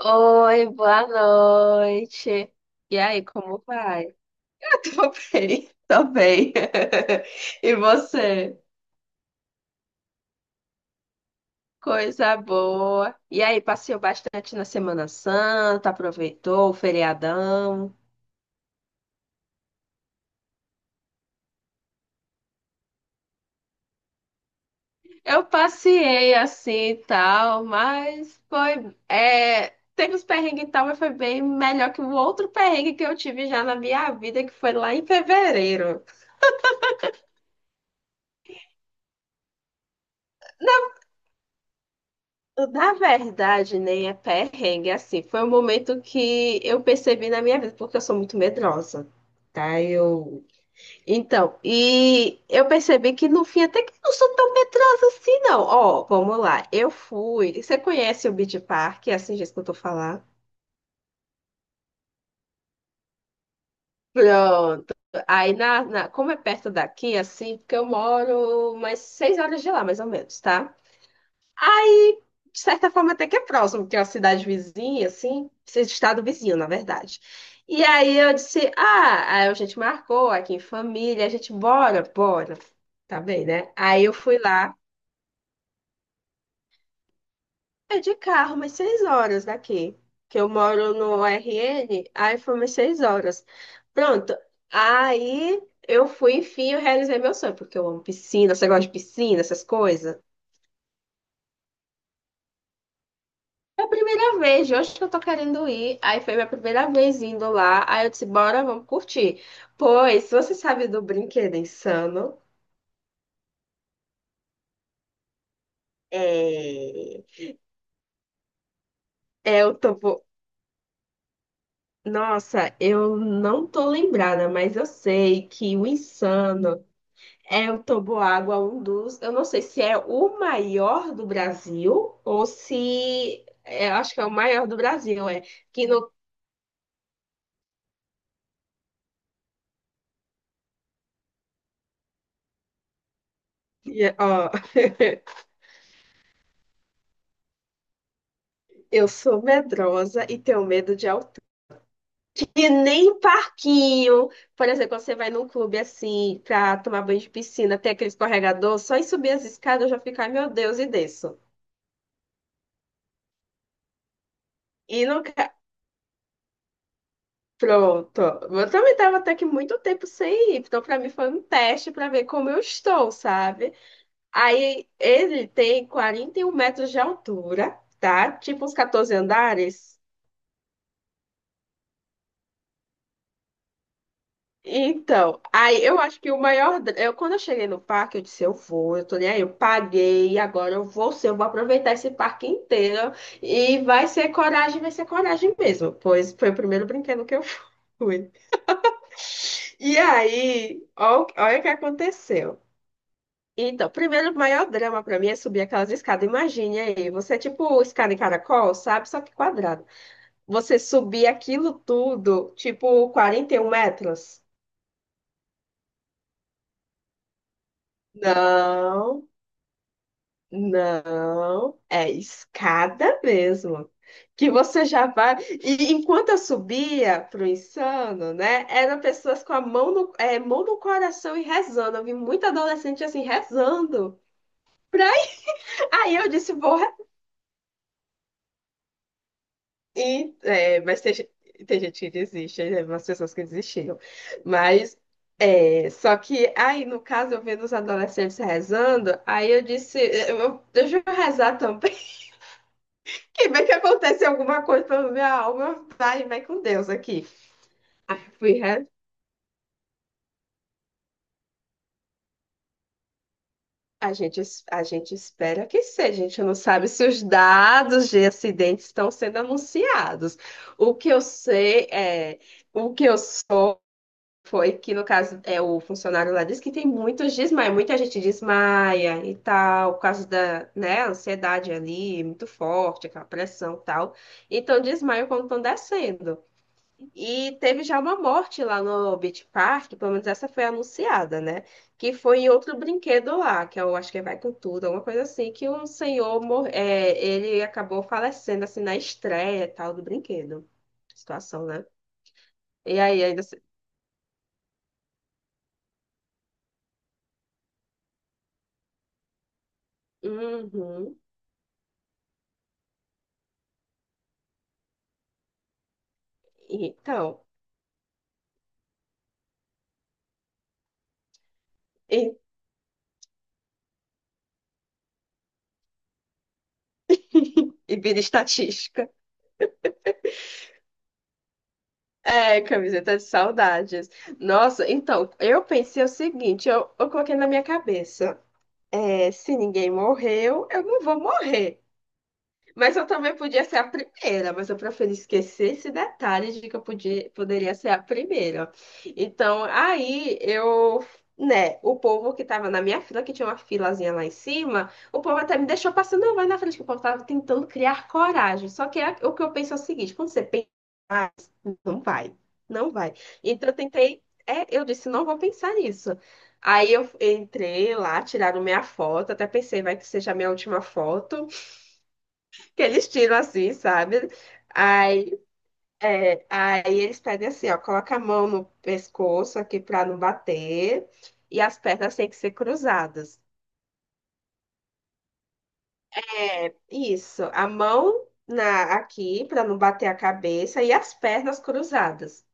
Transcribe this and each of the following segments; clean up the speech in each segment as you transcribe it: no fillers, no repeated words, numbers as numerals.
Oi, boa noite. E aí, como vai? Tô bem. E você? Coisa boa. E aí, passeou bastante na Semana Santa, aproveitou o feriadão? Eu passei assim e tal, mas foi. Teve os perrengues e tal, mas foi bem melhor que o outro perrengue que eu tive já na minha vida, que foi lá em fevereiro. Na verdade, nem é perrengue, assim, foi um momento que eu percebi na minha vida, porque eu sou muito medrosa, tá? Eu... Então, e eu percebi que no fim até que eu não sou tão medrosa assim, não. Ó, vamos lá, eu fui, você conhece o Beach Park, é assim, já escutou falar? Pronto. Aí, como é perto daqui, assim, porque eu moro umas 6 horas de lá, mais ou menos, tá? De certa forma, até que é próximo, porque é uma cidade vizinha, assim, esse estado vizinho, na verdade. E aí eu disse, ah, aí a gente marcou aqui em família, a gente, bora, bora. Tá bem, né? Aí eu fui lá, é de carro, umas 6 horas daqui, que eu moro no RN, aí foi umas 6 horas. Pronto, aí eu fui, enfim, eu realizei meu sonho, porque eu amo piscina, você gosta de piscina, essas coisas? É a primeira vez, de hoje que eu tô querendo ir. Aí foi minha primeira vez indo lá. Aí eu disse, bora, vamos curtir. Pois, se você sabe do Brinquedo Insano, é... é o topo... Nossa, eu não tô lembrada, mas eu sei que o Insano é o toboágua, um dos... Eu não sei se é o maior do Brasil ou se... eu acho que é o maior do Brasil, é. Que no... Ó, eu sou medrosa e tenho medo de altura. E nem parquinho. Por exemplo, quando você vai num clube assim, pra tomar banho de piscina, tem aquele escorregador, só em subir as escadas eu já fico, ai meu Deus, e desço. E nunca. Pronto. Eu também tava até que muito tempo sem ir, então pra mim foi um teste pra ver como eu estou, sabe? Aí ele tem 41 metros de altura, tá? Tipo uns 14 andares. Então, aí eu acho que eu, quando eu cheguei no parque, eu disse: eu vou, eu tô nem aí, eu paguei, agora eu vou ser, eu vou aproveitar esse parque inteiro e vai ser coragem mesmo, pois foi o primeiro brinquedo que eu fui. E aí, olha o que aconteceu. Então, primeiro, o maior drama pra mim é subir aquelas escadas. Imagine aí, você é tipo escada em caracol, sabe? Só que quadrado. Você subir aquilo tudo, tipo 41 metros. Não. Não, é escada mesmo. Que você já vai. E enquanto eu subia pro insano, né? Eram pessoas com a mão no, mão no coração e rezando. Eu vi muita adolescente assim rezando. Pra... Aí eu disse, vou. Re- mas tem, tem gente que desiste, né? Umas pessoas que desistiram. Mas. É, só que aí, no caso, eu vendo os adolescentes rezando, aí eu disse, deixa eu rezar também. Que bem que acontece alguma coisa pela minha alma, vai, vai com Deus aqui. Aí eu fui, re- a gente, a gente espera que seja, a gente não sabe se os dados de acidentes estão sendo anunciados. O que eu sei é, o que eu sei foi que, no caso, é o funcionário lá disse que tem muitos desmaios, muita gente desmaia e tal, por causa da, né, ansiedade ali, muito forte, aquela pressão e tal. Então, desmaio quando estão descendo. E teve já uma morte lá no Beach Park, pelo menos essa foi anunciada, né? Que foi em outro brinquedo lá, que eu acho que é Vai Com Tudo, alguma coisa assim, que um senhor, ele acabou falecendo, assim, na estreia e tal do brinquedo. Situação, né? E aí ainda... se- Uhum. Então... E, e vida estatística. É, camiseta de saudades. Nossa, então, eu pensei o seguinte, eu coloquei na minha cabeça, é, se ninguém morreu, eu não vou morrer. Mas eu também podia ser a primeira, mas eu preferi esquecer esse detalhe de que eu podia, poderia ser a primeira. Então, aí eu, né, o povo que tava na minha fila, que tinha uma filazinha lá em cima, o povo até me deixou passando, não, vai na frente, que o povo tava tentando criar coragem. Só que é o que eu penso é o seguinte, quando você pensa, mais, não vai, não vai. Então eu tentei, é, eu disse, não vou pensar nisso. Aí eu entrei lá, tiraram minha foto, até pensei, vai que seja a minha última foto que eles tiram assim, sabe? Aí, aí eles pedem assim, ó, coloca a mão no pescoço aqui pra não bater e as pernas têm que ser cruzadas. Isso, a mão na aqui pra não bater a cabeça e as pernas cruzadas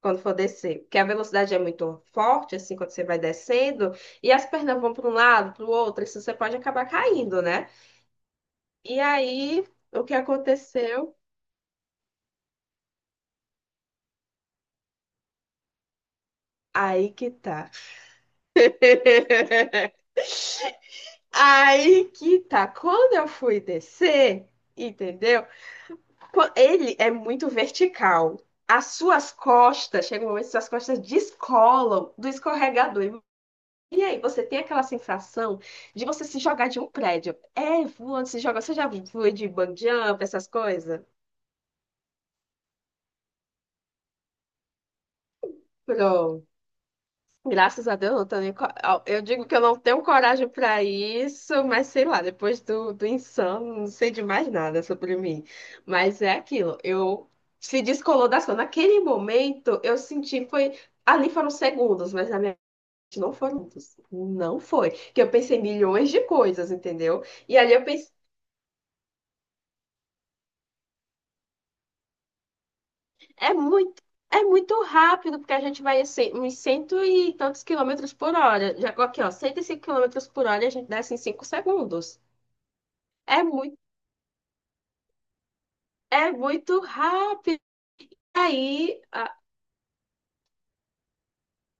quando for descer, porque a velocidade é muito forte assim quando você vai descendo e as pernas vão para um lado, para o outro, isso você pode acabar caindo, né? E aí, o que aconteceu? Aí que tá. Aí que tá, quando eu fui descer, entendeu? Ele é muito vertical. As suas costas, chega um momento que suas costas descolam do escorregador. E aí você tem aquela sensação de você se jogar de um prédio. É, voando, se joga. Você já foi de bungee jump, essas coisas? Pronto. Graças a Deus, eu não tô nem co- eu digo que eu não tenho coragem para isso, mas sei lá, depois do insano, não sei de mais nada sobre mim. Mas é aquilo, eu se descolou da ação. Naquele momento, eu senti, foi, ali foram segundos, mas na minha mente não foram minutos. Não foi. Que eu pensei milhões de coisas, entendeu? E ali eu pensei, é muito. É muito rápido, porque a gente vai a uns cento e tantos quilômetros por hora. Já aqui, ó, 105 quilômetros por hora, e a gente desce em 5 segundos. É muito, é muito rápido. Aí, a,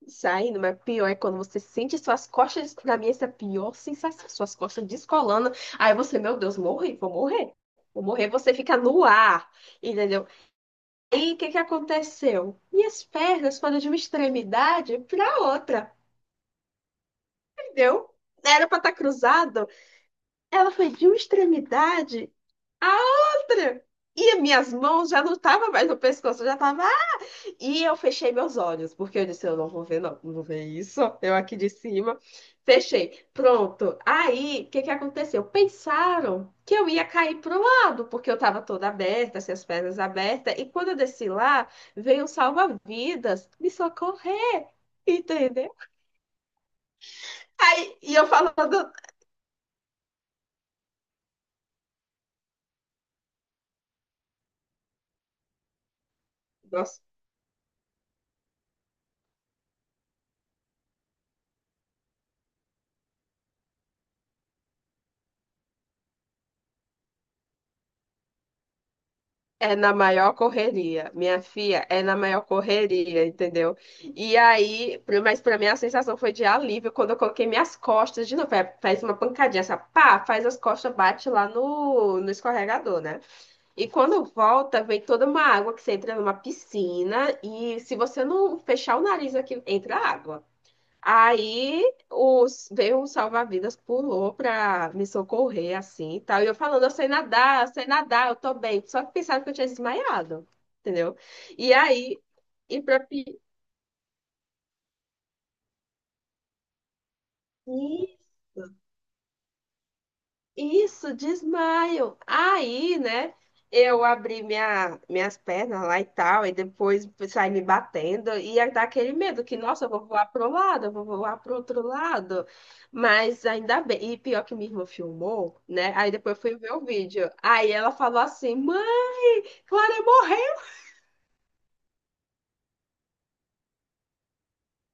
saindo, mas pior é quando você sente suas costas, na minha, essa é a pior sensação, suas costas descolando. Aí você, meu Deus, morri, vou morrer. Vou morrer, você fica no ar, entendeu? E o que que aconteceu? Minhas pernas foram de uma extremidade para outra, entendeu? Era para estar cruzado, ela foi de uma extremidade à outra. E as minhas mãos já não estavam mais no pescoço, já estavam. E eu fechei meus olhos, porque eu disse, eu não vou ver, não, não vou ver isso, eu aqui de cima. Fechei. Pronto. Aí, o que que aconteceu? Pensaram que eu ia cair pro lado, porque eu estava toda aberta, assim, as pernas abertas. E quando eu desci lá, veio um salva-vidas me socorrer, entendeu? Aí, e eu falando, nossa, é na maior correria, minha filha, é na maior correria, entendeu? Mas pra mim a sensação foi de alívio quando eu coloquei minhas costas de novo. É, faz uma pancadinha, essa pá, faz as costas, bate lá no escorregador, né? E quando volta, vem toda uma água que você entra numa piscina e se você não fechar o nariz aqui, entra água. Aí os, veio um salva-vidas, pulou pra me socorrer, assim, e tal. E eu falando, eu sei nadar, eu sei nadar, eu tô bem. Só que pensaram que eu tinha desmaiado, entendeu? E aí, e pra... Isso, desmaio. Aí, né, eu abri minha, minhas pernas lá e tal, e depois saí me batendo, e aí dá aquele medo que, nossa, eu vou voar pro lado, eu vou voar pro outro lado. Mas ainda bem, e pior que minha irmã filmou, né, aí depois eu fui ver o vídeo. Aí ela falou assim, mãe, Clara morreu.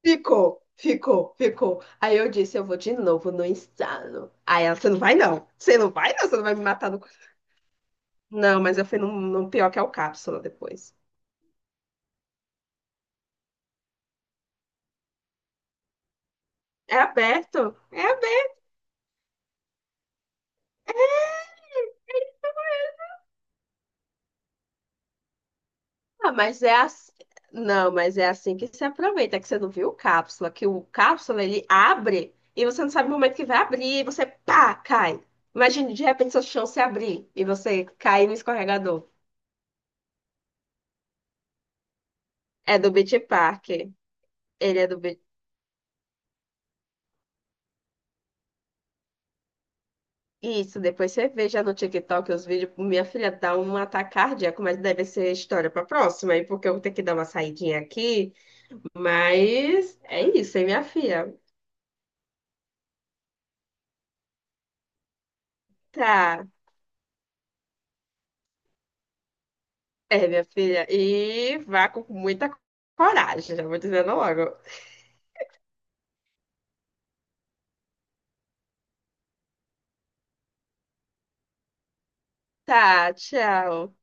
Ficou, ficou, ficou. Aí eu disse, eu vou de novo no insano. Aí ela, você não vai não, você não vai não, você não vai me matar no. Não, mas eu fui num pior que é o Cápsula depois. É aberto? É aberto. É. Ah, mas é assim. Não, mas é assim que se aproveita, que você não viu o cápsula, que o cápsula ele abre e você não sabe o momento que vai abrir e você pá, cai. Imagina, de repente seu chão se abrir e você cair no escorregador. É do Beach Park. Ele é do Beach... Isso, depois você veja no TikTok os vídeos. Minha filha dá um ataque cardíaco, mas deve ser história pra próxima, aí porque eu vou ter que dar uma saidinha aqui. Mas é isso, hein, minha filha? Tá. É, minha filha. E vá com muita coragem, já vou dizendo logo. Tá, tchau.